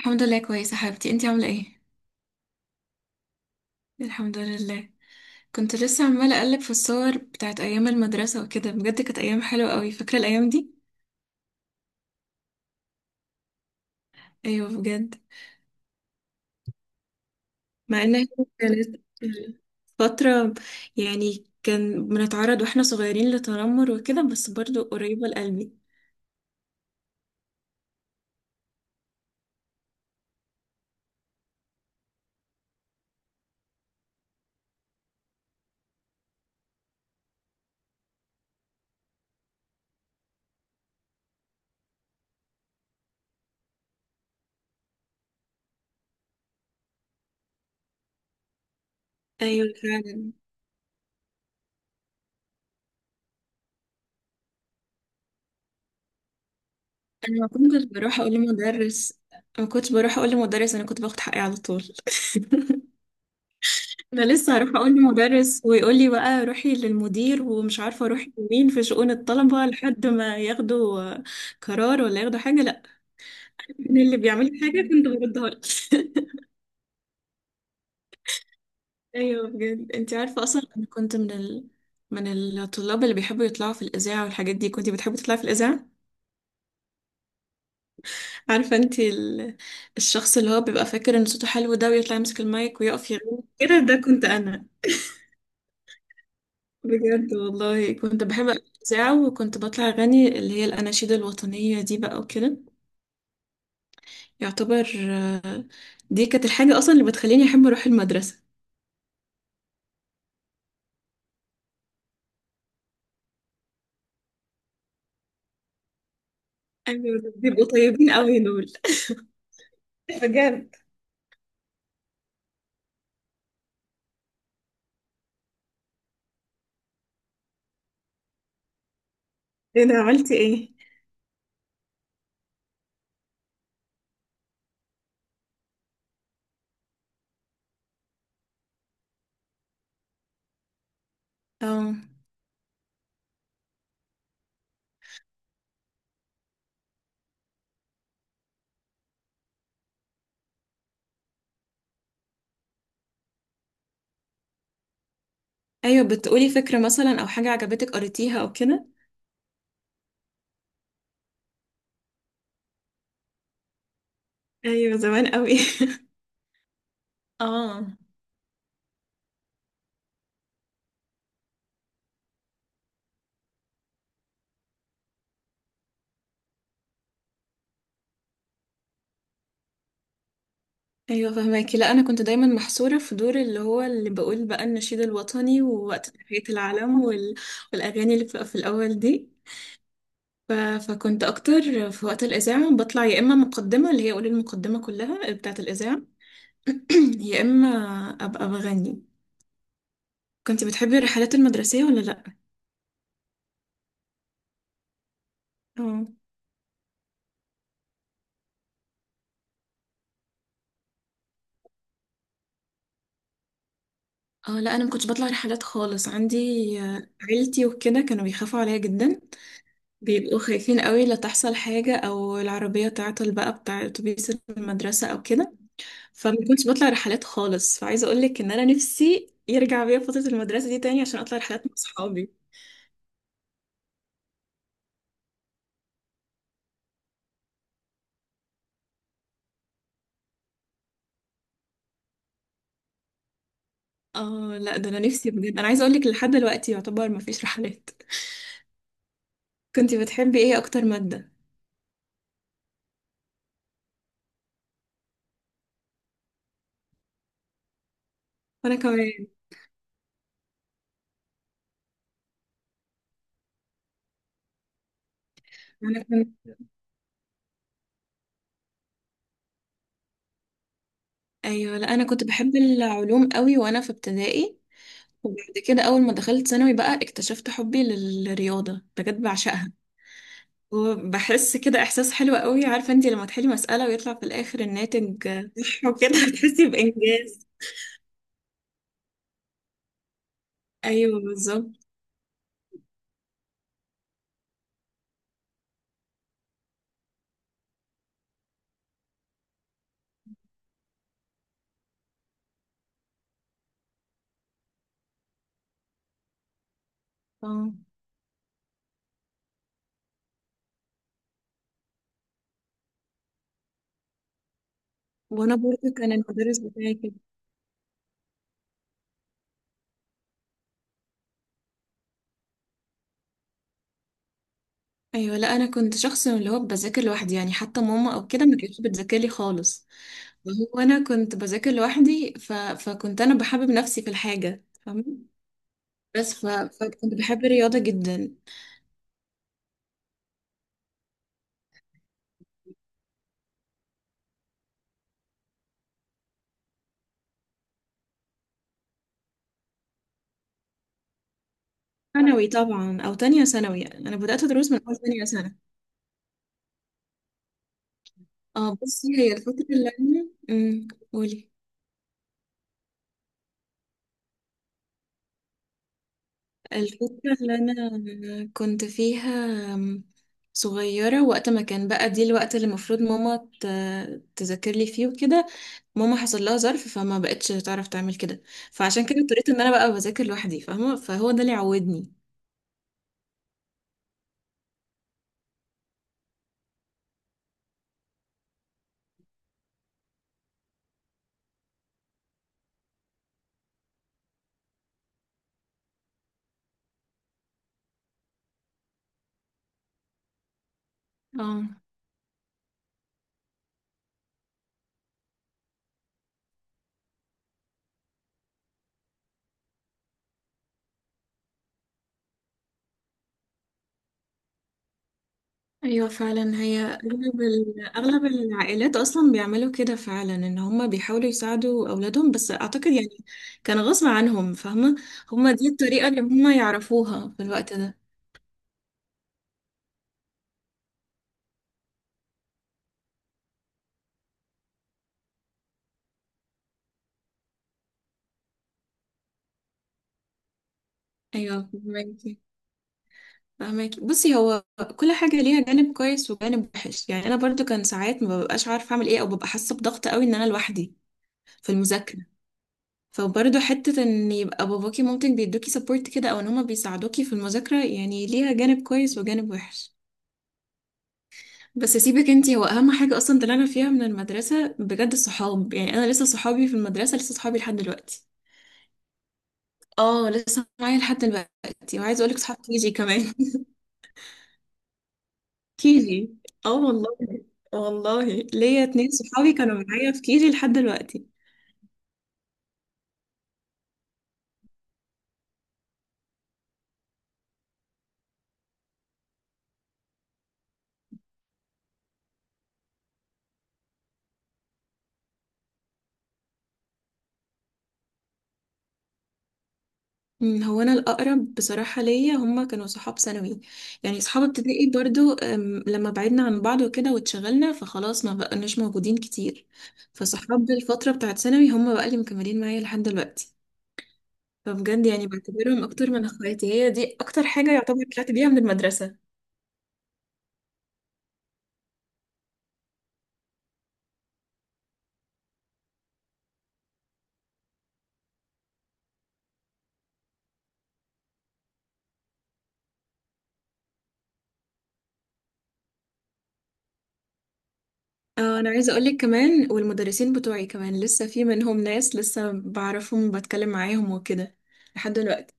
الحمد لله كويسة حبيبتي، انتي عاملة ايه؟ الحمد لله. كنت لسه عمالة اقلب في الصور بتاعت ايام المدرسة وكده. بجد كانت ايام حلوة قوي. فاكرة الايام دي؟ ايوه بجد. مع ان هي كانت فترة، يعني كان بنتعرض واحنا صغيرين لتنمر وكده، بس برضو قريبة لقلبي. ايوه فعلا. انا ما كنتش بروح اقول لمدرس. ما كنتش بروح اقول لمدرس انا كنت باخد حقي على طول. انا لسه هروح اقول لمدرس ويقول لي بقى روحي للمدير، ومش عارفه اروحي لمين في شؤون الطلبه لحد ما ياخدوا قرار ولا ياخدوا حاجه، لا. من اللي بيعمل لي حاجه كنت بردها لك. ايوه بجد. انت عارفه اصلا انا كنت من من الطلاب اللي بيحبوا يطلعوا في الاذاعه والحاجات دي. كنت بتحبي تطلعي في الاذاعه. عارفه انت الشخص اللي هو بيبقى فاكر ان صوته حلو ده، ويطلع يمسك المايك ويقف يغني كده؟ ده كنت انا. بجد والله كنت بحب الإذاعة، وكنت بطلع أغني اللي هي الأناشيد الوطنية دي بقى وكده. يعتبر دي كانت الحاجة أصلا اللي بتخليني أحب أروح المدرسة. أيوة دول بيبقوا طيبين أوي دول. بجد. أنا عملتي إيه؟ أه. أيوة بتقولي فكرة مثلا، أو حاجة عجبتك قريتيها أو كده. أيوة زمان أوي. اه. ايوه فهماكي. لا، انا كنت دايما محصوره في دور اللي هو اللي بقول بقى النشيد الوطني ووقت تحيه العلم والاغاني اللي بتبقى في الاول دي. ف... فكنت اكتر في وقت الاذاعه بطلع يا اما مقدمه، اللي هي اقول المقدمه كلها بتاعه الاذاعه، يا اما ابقى بغني. كنت بتحبي الرحلات المدرسيه ولا لا؟ اه اه. لا، انا ما كنتش بطلع رحلات خالص. عندي عيلتي وكده كانوا بيخافوا عليا جدا. بيبقوا خايفين قوي لا تحصل حاجه، او العربيه تعطل بقى بتاع اتوبيس المدرسه او كده. فما كنتش بطلع رحلات خالص. فعايزه اقول لك ان انا نفسي يرجع بيا فتره المدرسه دي تاني عشان اطلع رحلات مع اصحابي. اه لا ده انا نفسي بجد. انا عايزه اقول لك، لحد دلوقتي يعتبر ما فيش رحلات. كنت بتحبي ايه اكتر ماده؟ وانا كمان. انا كنت ايوه لا انا كنت بحب العلوم قوي وانا في ابتدائي. وبعد كده اول ما دخلت ثانوي بقى اكتشفت حبي للرياضه. بجد بعشقها. وبحس كده احساس حلو قوي. عارفه انت لما تحلي مساله ويطلع في الاخر الناتج؟ صح وكده. بتحسي بانجاز. ايوه بالظبط. اه وانا برضه كان المدرس بتاعي كده. ايوه لا انا كنت شخص من اللي هو بذاكر لوحدي. يعني حتى ماما او كده ما كانتش بتذاكر لي خالص. وهو انا كنت بذاكر لوحدي فكنت انا بحبب نفسي في الحاجه، فاهمه. فكنت بحب الرياضه جدا. ثانوي طبعا، او تانية ثانوي. يعني انا بدات ادرس من اول تانية سنه. اه بصي، هي الفتره اللي انا قولي. الفترة اللي أنا كنت فيها صغيرة، وقت ما كان بقى دي الوقت اللي المفروض ماما تذاكر لي فيه وكده، ماما حصل لها ظرف فما بقتش تعرف تعمل كده. فعشان كده اضطريت ان انا بقى بذاكر لوحدي، فاهمة؟ فهو ده اللي عودني. اه ايوه فعلا. هي اغلب اغلب العائلات اصلا بيعملوا كده فعلا. ان هم بيحاولوا يساعدوا اولادهم، بس اعتقد يعني كان غصب عنهم، فاهمة؟ هم دي الطريقة اللي هم يعرفوها في الوقت ده. ايوه فهمك. فهماكي بصي، هو كل حاجة ليها جانب كويس وجانب وحش. يعني أنا برضو كان ساعات ما ببقاش عارفة أعمل إيه، أو ببقى حاسة بضغط قوي إن أنا لوحدي في المذاكرة. فبرضو حتة إن يبقى باباكي مامتك بيدوكي سبورت كده، أو إن هما بيساعدوكي في المذاكرة، يعني ليها جانب كويس وجانب وحش. بس سيبك انتي، هو أهم حاجة أصلا طلعنا فيها من المدرسة بجد الصحاب. يعني أنا لسه صحابي في المدرسة، لسه صحابي لحد دلوقتي. اه لسه معايا لحد دلوقتي. وعايزة أقولك صحاب كيجي كمان. كيجي اه والله. والله ليا اتنين صحابي كانوا معايا في كيجي لحد دلوقتي. هو انا الاقرب بصراحه ليا هما كانوا صحاب ثانوي. يعني صحاب ابتدائي برضو لما بعدنا عن بعض وكده واتشغلنا فخلاص ما بقناش موجودين كتير. فصحاب الفتره بتاعت ثانوي هما بقى اللي مكملين معايا لحد دلوقتي. فبجد يعني بعتبرهم اكتر من اخواتي. هي دي اكتر حاجه يعتبر طلعت بيها من المدرسه. اه انا عايزه اقولك كمان، والمدرسين بتوعي كمان لسه في منهم ناس لسه بعرفهم وبتكلم معاهم وكده لحد دلوقتي.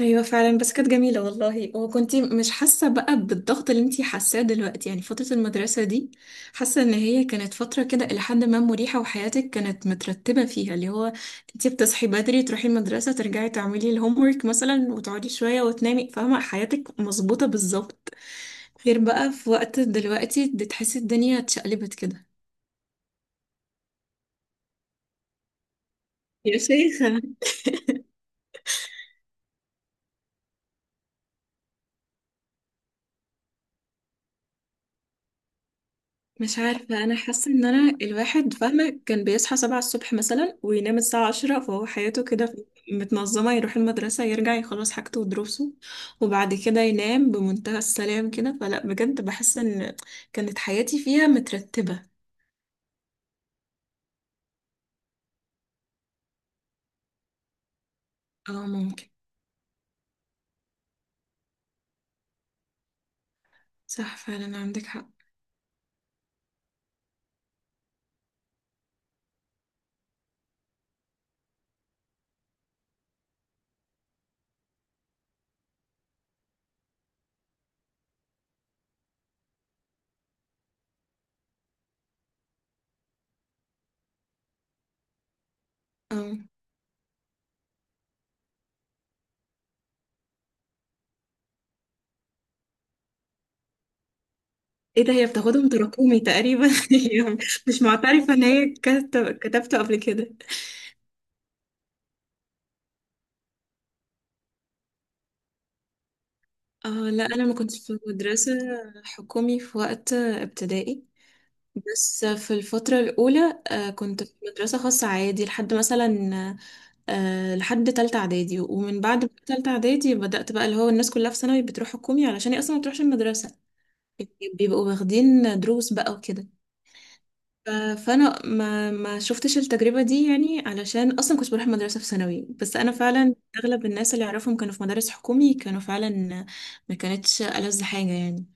ايوه فعلا. بس كانت جميله والله، وكنتي مش حاسه بقى بالضغط اللي انتي حاساه دلوقتي، يعني فتره المدرسه دي. حاسه ان هي كانت فتره كده الى حد ما مريحه، وحياتك كانت مترتبه فيها، اللي هو انتي بتصحي بدري تروحي المدرسه، ترجعي تعملي الهوم ورك مثلا، وتقعدي شويه وتنامي، فاهمه؟ حياتك مظبوطه بالظبط. غير بقى في وقت دلوقتي بتحسي الدنيا اتشقلبت كده. يا شيخة مش عارفة. أنا حاسة إن أنا الواحد، فاهمة، كان بيصحى سبعة الصبح مثلا وينام الساعة عشرة، فهو حياته كده متنظمة. يروح المدرسة يرجع يخلص حاجته ودروسه، وبعد كده ينام بمنتهى السلام كده. فلا بجد بحس إن كانت حياتي فيها مترتبة. اه ممكن. صح فعلا عندك حق. اه. ايه ده، هي بتاخدهم تراكمي تقريبا. هي مش معترفة ان هي كتبته قبل كده. اه لا انا ما كنتش في مدرسة حكومي في وقت ابتدائي. بس في الفترة الأولى كنت في مدرسة خاصة عادي لحد مثلا لحد تالتة إعدادي. ومن بعد تالتة إعدادي بدأت بقى اللي هو الناس كلها في ثانوي بتروح حكومي، علشان هي أصلا ما بتروحش المدرسة، يعني بيبقوا واخدين دروس بقى وكده. ف- فأنا ما شفتش التجربة دي، يعني علشان أصلا كنت بروح المدرسة في ثانوي. بس أنا فعلا أغلب الناس اللي أعرفهم كانوا في مدارس حكومي، كانوا فعلا ما كانتش ألذ حاجة يعني.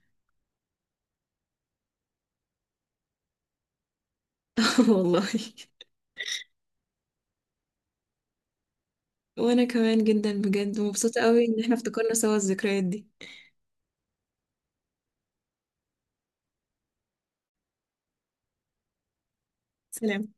والله. وانا كمان جدا. بجد مبسوطة قوي ان احنا افتكرنا سوا الذكريات دي. سلام.